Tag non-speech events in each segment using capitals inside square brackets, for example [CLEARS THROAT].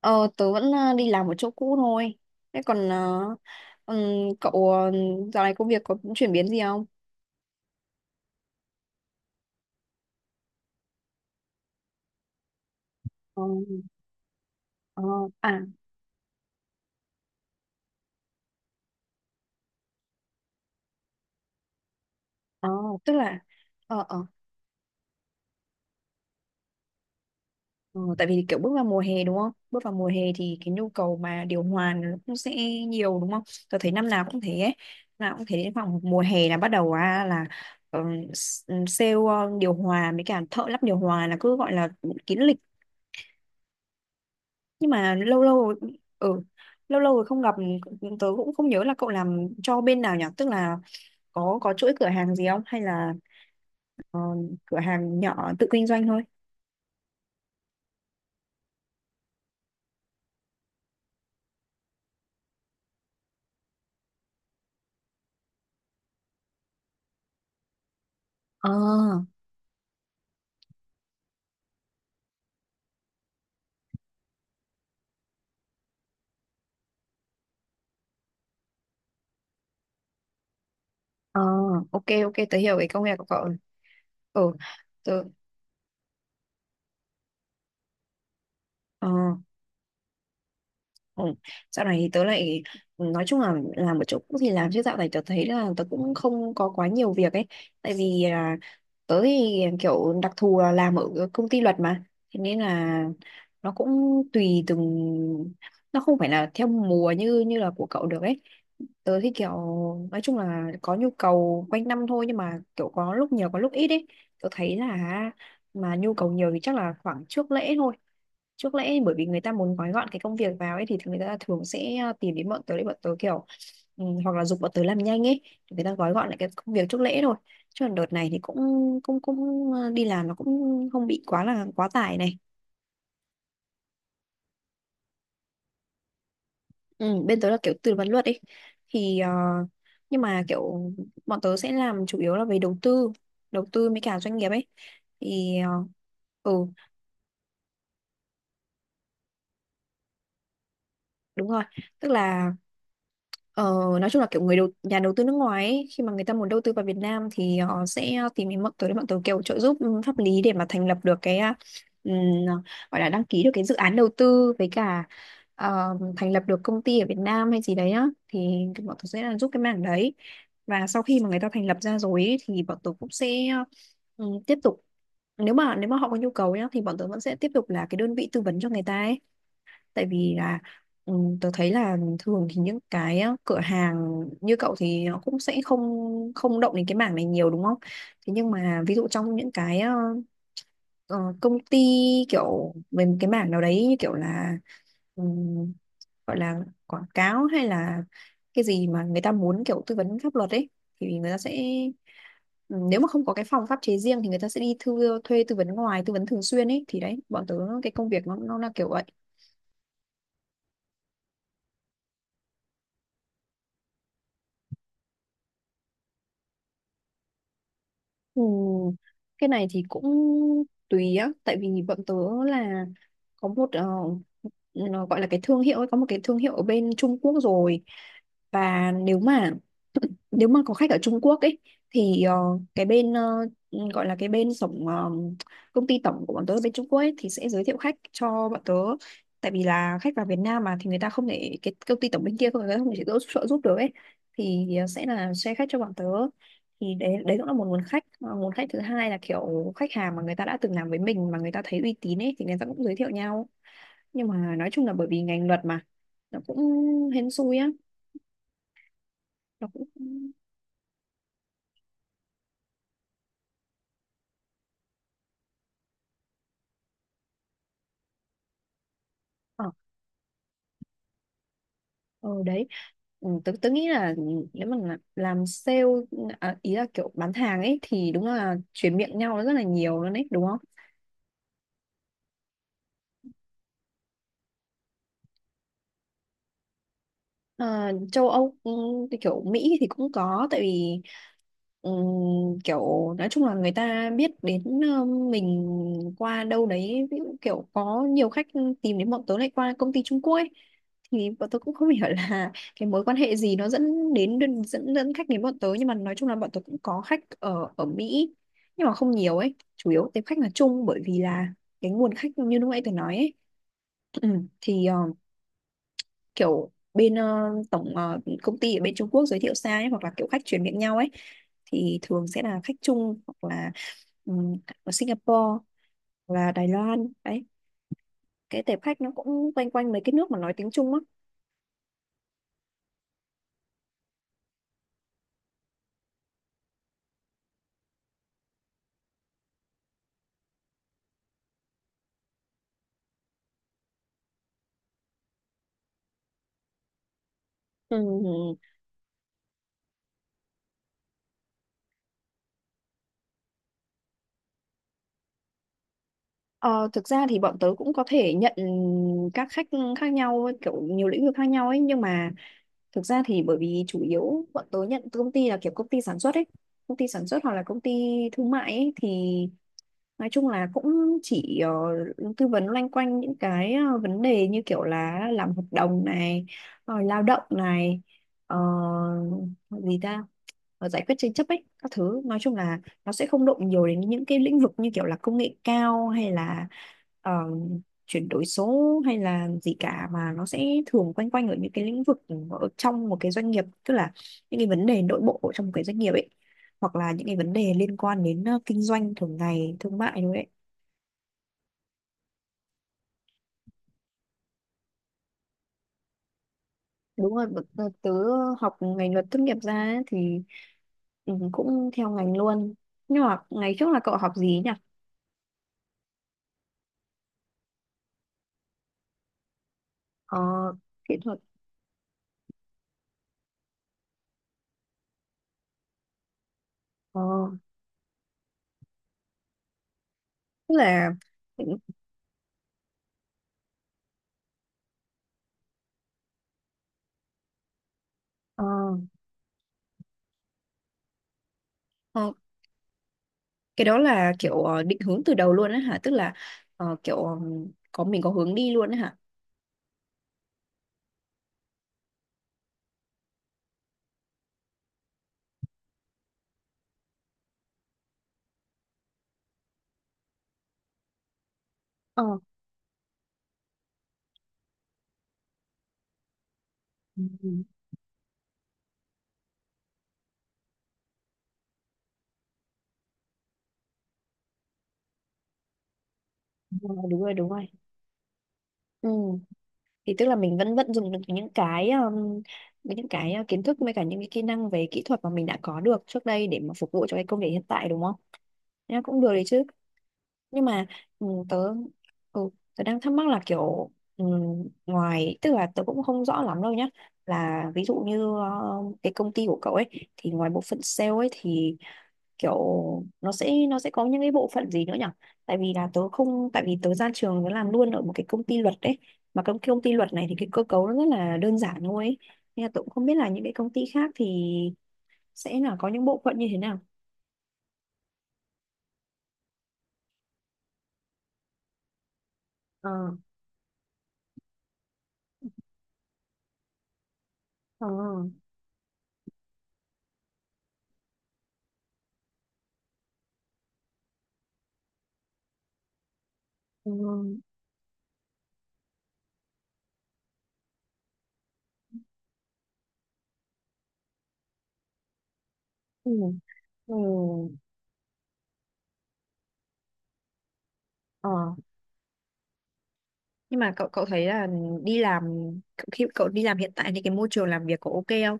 Ờ, tớ vẫn đi làm ở chỗ cũ thôi. Thế còn ừm, cậu dạo này công việc có chuyển biến gì không? Ờ, ờ, à, ờ, tức là ờ, ờ, ờ, tại vì kiểu bước vào mùa hè đúng không? Bước vào mùa hè thì cái nhu cầu mà điều hòa nó cũng sẽ nhiều đúng không? Tớ thấy năm nào cũng thế ấy. Năm nào cũng thế đến khoảng mùa hè là bắt đầu, là ờ, sale điều hòa với cả thợ lắp điều hòa là cứ gọi là kín lịch. Nhưng mà lâu lâu rồi ừ lâu lâu rồi không gặp, tớ cũng không nhớ là cậu làm cho bên nào nhỉ. Tức là có chuỗi cửa hàng gì không hay là ờ, cửa hàng nhỏ tự kinh doanh thôi. Ờ, ờ, ok, ok, tớ hiểu cái công việc của cậu rồi. Ừ, tớ. ờ Ừ. Dạo này thì tớ lại nói chung là làm một chỗ cũng thì làm, chứ dạo này tớ thấy là tớ cũng không có quá nhiều việc ấy. Tại vì là tớ thì kiểu đặc thù là làm ở công ty luật mà, thế nên là nó cũng tùy từng, nó không phải là theo mùa như như là của cậu được ấy. Tớ thì kiểu nói chung là có nhu cầu quanh năm thôi, nhưng mà kiểu có lúc nhiều có lúc ít ấy. Tớ thấy là mà nhu cầu nhiều thì chắc là khoảng trước lễ thôi. Trước lẽ bởi vì người ta muốn gói gọn cái công việc vào ấy thì người ta thường sẽ tìm đến bọn tớ để bọn tớ kiểu ừ, hoặc là giục bọn tớ làm nhanh ấy thì người ta gói gọn lại cái công việc trước lễ thôi. Chứ còn đợt này thì cũng cũng cũng đi làm nó cũng không bị quá là quá tải này. Ừ, bên tớ là kiểu tư vấn luật ấy thì nhưng mà kiểu bọn tớ sẽ làm chủ yếu là về đầu tư với cả doanh nghiệp ấy thì ờ, ừ, đúng rồi. Tức là ờ, nói chung là kiểu người đầu nhà đầu tư nước ngoài ấy, khi mà người ta muốn đầu tư vào Việt Nam thì họ sẽ tìm đến bọn tớ để bọn tớ kiểu trợ giúp ừ, pháp lý để mà thành lập được cái ừm, gọi là đăng ký được cái dự án đầu tư với cả thành lập được công ty ở Việt Nam hay gì đấy á, thì bọn tớ sẽ là giúp cái mảng đấy. Và sau khi mà người ta thành lập ra rồi ấy, thì bọn tớ cũng sẽ ừ, tiếp tục. Nếu mà họ có nhu cầu nhá thì bọn tớ vẫn sẽ tiếp tục là cái đơn vị tư vấn cho người ta ấy. Tại vì là ừ, tớ thấy là thường thì những cái cửa hàng như cậu thì nó cũng sẽ không không động đến cái mảng này nhiều đúng không? Thế nhưng mà ví dụ trong những cái ờ, công ty kiểu về một cái mảng nào đấy như kiểu là ừm, gọi là quảng cáo hay là cái gì mà người ta muốn kiểu tư vấn pháp luật ấy thì người ta sẽ nếu mà không có cái phòng pháp chế riêng thì người ta sẽ đi thuê tư vấn ngoài tư vấn thường xuyên ấy, thì đấy bọn tớ cái công việc nó là kiểu vậy. Ừ. Cái này thì cũng tùy á, tại vì bọn tớ là có một nó gọi là cái thương hiệu ấy, có một cái thương hiệu ở bên Trung Quốc rồi. Và nếu mà [CLEARS THROAT] nếu mà có khách ở Trung Quốc ấy thì cái bên gọi là cái bên tổng công ty tổng của bọn tớ ở bên Trung Quốc ấy thì sẽ giới thiệu khách cho bọn tớ. Tại vì là khách vào Việt Nam mà thì người ta không thể, cái công ty tổng bên kia không, người ta không thể trợ giúp được ấy thì sẽ là share khách cho bọn tớ, thì đấy đấy cũng là một nguồn khách. Mà nguồn khách thứ hai là kiểu khách hàng mà người ta đã từng làm với mình mà người ta thấy uy tín ấy, thì người ta cũng giới thiệu nhau. Nhưng mà nói chung là bởi vì ngành luật mà nó cũng hên xui á, nó cũng ờ, ờ, đấy. Ừ, tớ nghĩ là nếu mà làm sale, à, ý là kiểu bán hàng ấy, thì đúng là chuyển miệng nhau nó rất là nhiều luôn đấy đúng không. Ờ, châu Âu ừ, thì kiểu Mỹ thì cũng có. Tại vì ừm, kiểu nói chung là người ta biết đến mình qua đâu đấy, ví dụ kiểu có nhiều khách tìm đến bọn tớ lại qua công ty Trung Quốc ấy, thì bọn tớ cũng không [LAUGHS] hiểu là cái mối quan hệ gì nó dẫn đến dẫn dẫn khách đến bọn tớ. Nhưng mà nói chung là bọn tớ cũng có khách ở ở Mỹ, nhưng mà không nhiều ấy, chủ yếu tiếp khách là Trung, bởi vì là cái nguồn khách như lúc nãy tớ nói ấy. Ừ, thì kiểu bên tổng công ty ở bên Trung Quốc giới thiệu sang ấy, hoặc là kiểu khách chuyển miệng nhau ấy, thì thường sẽ là khách Trung hoặc là ừm, ở Singapore hoặc là Đài Loan đấy, cái tệp khách nó cũng quanh quanh mấy cái nước mà nói tiếng Trung á. Ừm, ờ, thực ra thì bọn tớ cũng có thể nhận các khách khác nhau ấy, kiểu nhiều lĩnh vực khác nhau ấy, nhưng mà thực ra thì bởi vì chủ yếu bọn tớ nhận từ công ty là kiểu công ty sản xuất ấy, công ty sản xuất hoặc là công ty thương mại ấy thì nói chung là cũng chỉ tư vấn loanh quanh những cái vấn đề như kiểu là làm hợp đồng này, rồi lao động này, ờ, gì ta, giải quyết tranh chấp ấy, các thứ. Nói chung là nó sẽ không động nhiều đến những cái lĩnh vực như kiểu là công nghệ cao hay là ờ, chuyển đổi số hay là gì cả, mà nó sẽ thường quanh quanh ở những cái lĩnh vực ở trong một cái doanh nghiệp, tức là những cái vấn đề nội bộ ở trong một cái doanh nghiệp ấy, hoặc là những cái vấn đề liên quan đến kinh doanh thường ngày thương mại đúng đấy. Đúng rồi, tớ học ngành luật tốt nghiệp ra ấy, thì ừ, cũng theo ngành luôn. Nhưng mà ngày trước là cậu học gì nhỉ? Ờ, kỹ thuật. ờ, Tức là ờ, ờ, cái đó là kiểu định hướng từ đầu luôn á hả, tức là ờ, kiểu ờ, có mình có hướng đi luôn á hả? Ờ, ừ, ừ, đúng rồi, đúng rồi, đúng rồi. Ừ, thì tức là mình vẫn vẫn dùng được những cái kiến thức với cả những cái kỹ năng về kỹ thuật mà mình đã có được trước đây để mà phục vụ cho cái công việc hiện tại đúng không? Nha, cũng được đấy chứ. Nhưng mà ừ, tớ ừ, đang thắc mắc là kiểu ừ, ngoài, tức là tớ cũng không rõ lắm đâu nhá. Là ví dụ như cái công ty của cậu ấy, thì ngoài bộ phận sale ấy thì kiểu nó sẽ có những cái bộ phận gì nữa nhỉ? Tại vì là tớ không, tại vì tớ ra trường tớ làm luôn ở một cái công ty luật đấy, mà công công ty luật này thì cái cơ cấu nó rất là đơn giản thôi ấy. Nên là tôi cũng không biết là những cái công ty khác thì sẽ là có những bộ phận như thế nào. Ờ, ờ, ừ, ừ, ừ, ờ. Nhưng mà cậu cậu thấy là đi làm, khi cậu đi làm hiện tại thì cái môi trường làm việc có ok không?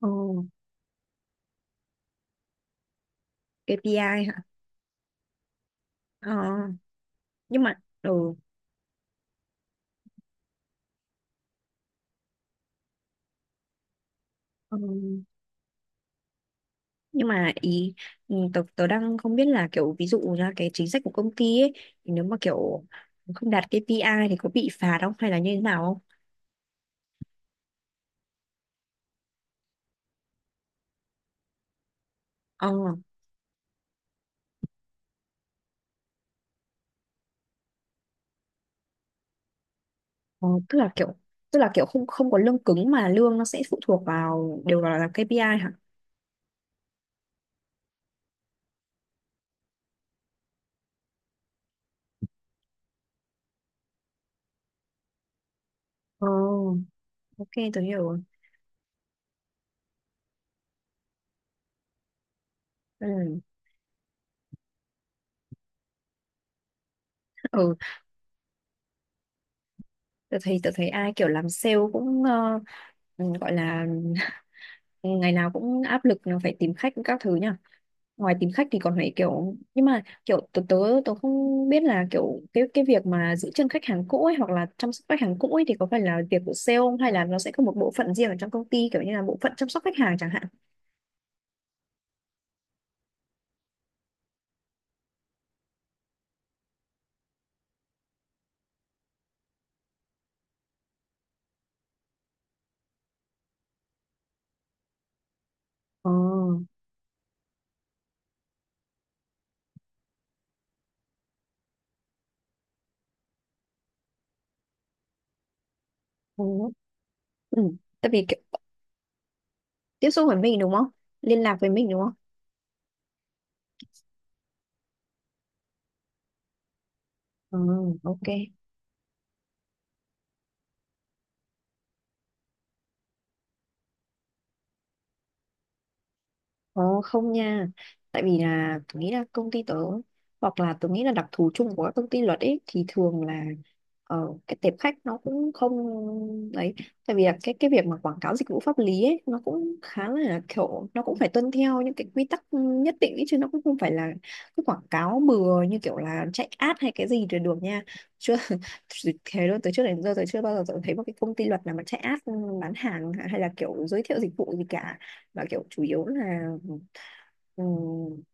Ờ, KPI hả? Ờ, nhưng mà ừ, ờ, nhưng mà ý ừ, tớ đang không biết là kiểu ví dụ ra cái chính sách của công ty ấy thì nếu mà kiểu không đạt KPI thì có bị phạt không hay là như thế nào? Ờ, ờ, tức là kiểu, tức là kiểu không, không có lương cứng mà lương nó sẽ phụ thuộc vào đều vào là KPI hả? Ờ, ok, tôi hiểu rồi. Ừ. Ừ, tôi thấy, tôi thấy ai kiểu làm sale cũng ừ, gọi là ừ, ngày nào cũng áp lực là phải tìm khách các thứ nhỉ. Ngoài tìm khách thì còn phải kiểu, nhưng mà kiểu tớ tớ tớ không biết là kiểu cái việc mà giữ chân khách hàng cũ ấy hoặc là chăm sóc khách hàng cũ ấy thì có phải là việc của sale không, hay là nó sẽ có một bộ phận riêng ở trong công ty kiểu như là bộ phận chăm sóc khách hàng chẳng hạn. Ờ. Ừ. Ừ. Tại vì kiểu tiếp xúc với mình đúng không? Liên lạc với mình đúng không? Ừ, ok. Ồ không nha. Tại vì là tôi nghĩ là công ty tớ, hoặc là tôi nghĩ là đặc thù chung của các công ty luật ấy, thì thường là cái tệp khách nó cũng không, đấy, tại vì là cái việc mà quảng cáo dịch vụ pháp lý ấy nó cũng khá là kiểu, nó cũng phải tuân theo những cái quy tắc nhất định ấy, chứ nó cũng không phải là cứ quảng cáo bừa như kiểu là chạy ad hay cái gì trên đường nha. Chưa [LAUGHS] thế luôn, từ trước đến giờ tôi chưa bao giờ tôi thấy một cái công ty luật nào mà chạy ad bán hàng hay là kiểu giới thiệu dịch vụ gì cả, và kiểu chủ yếu là ừ,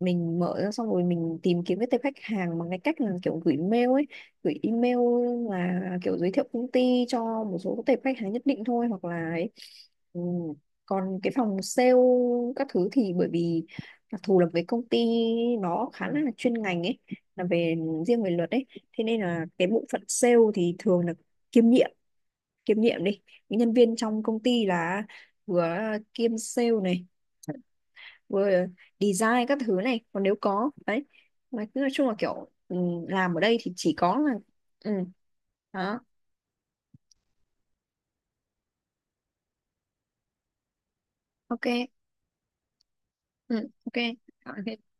mình mở ra xong rồi mình tìm kiếm cái tệp khách hàng bằng cái cách là kiểu gửi mail ấy, gửi email là kiểu giới thiệu công ty cho một số tệp khách hàng nhất định thôi hoặc là ấy. Ừ. Còn cái phòng sale các thứ thì bởi vì đặc thù là với công ty nó khá là chuyên ngành ấy, là về riêng về luật ấy, thế nên là cái bộ phận sale thì thường là kiêm nhiệm kiêm nhiệm đi, những nhân viên trong công ty là vừa kiêm sale này, vừa design các thứ này, còn nếu có đấy mà cứ nói chung là kiểu ừ, làm ở đây thì chỉ có là ừ đó. Ok. Ừ. Ok. Ok.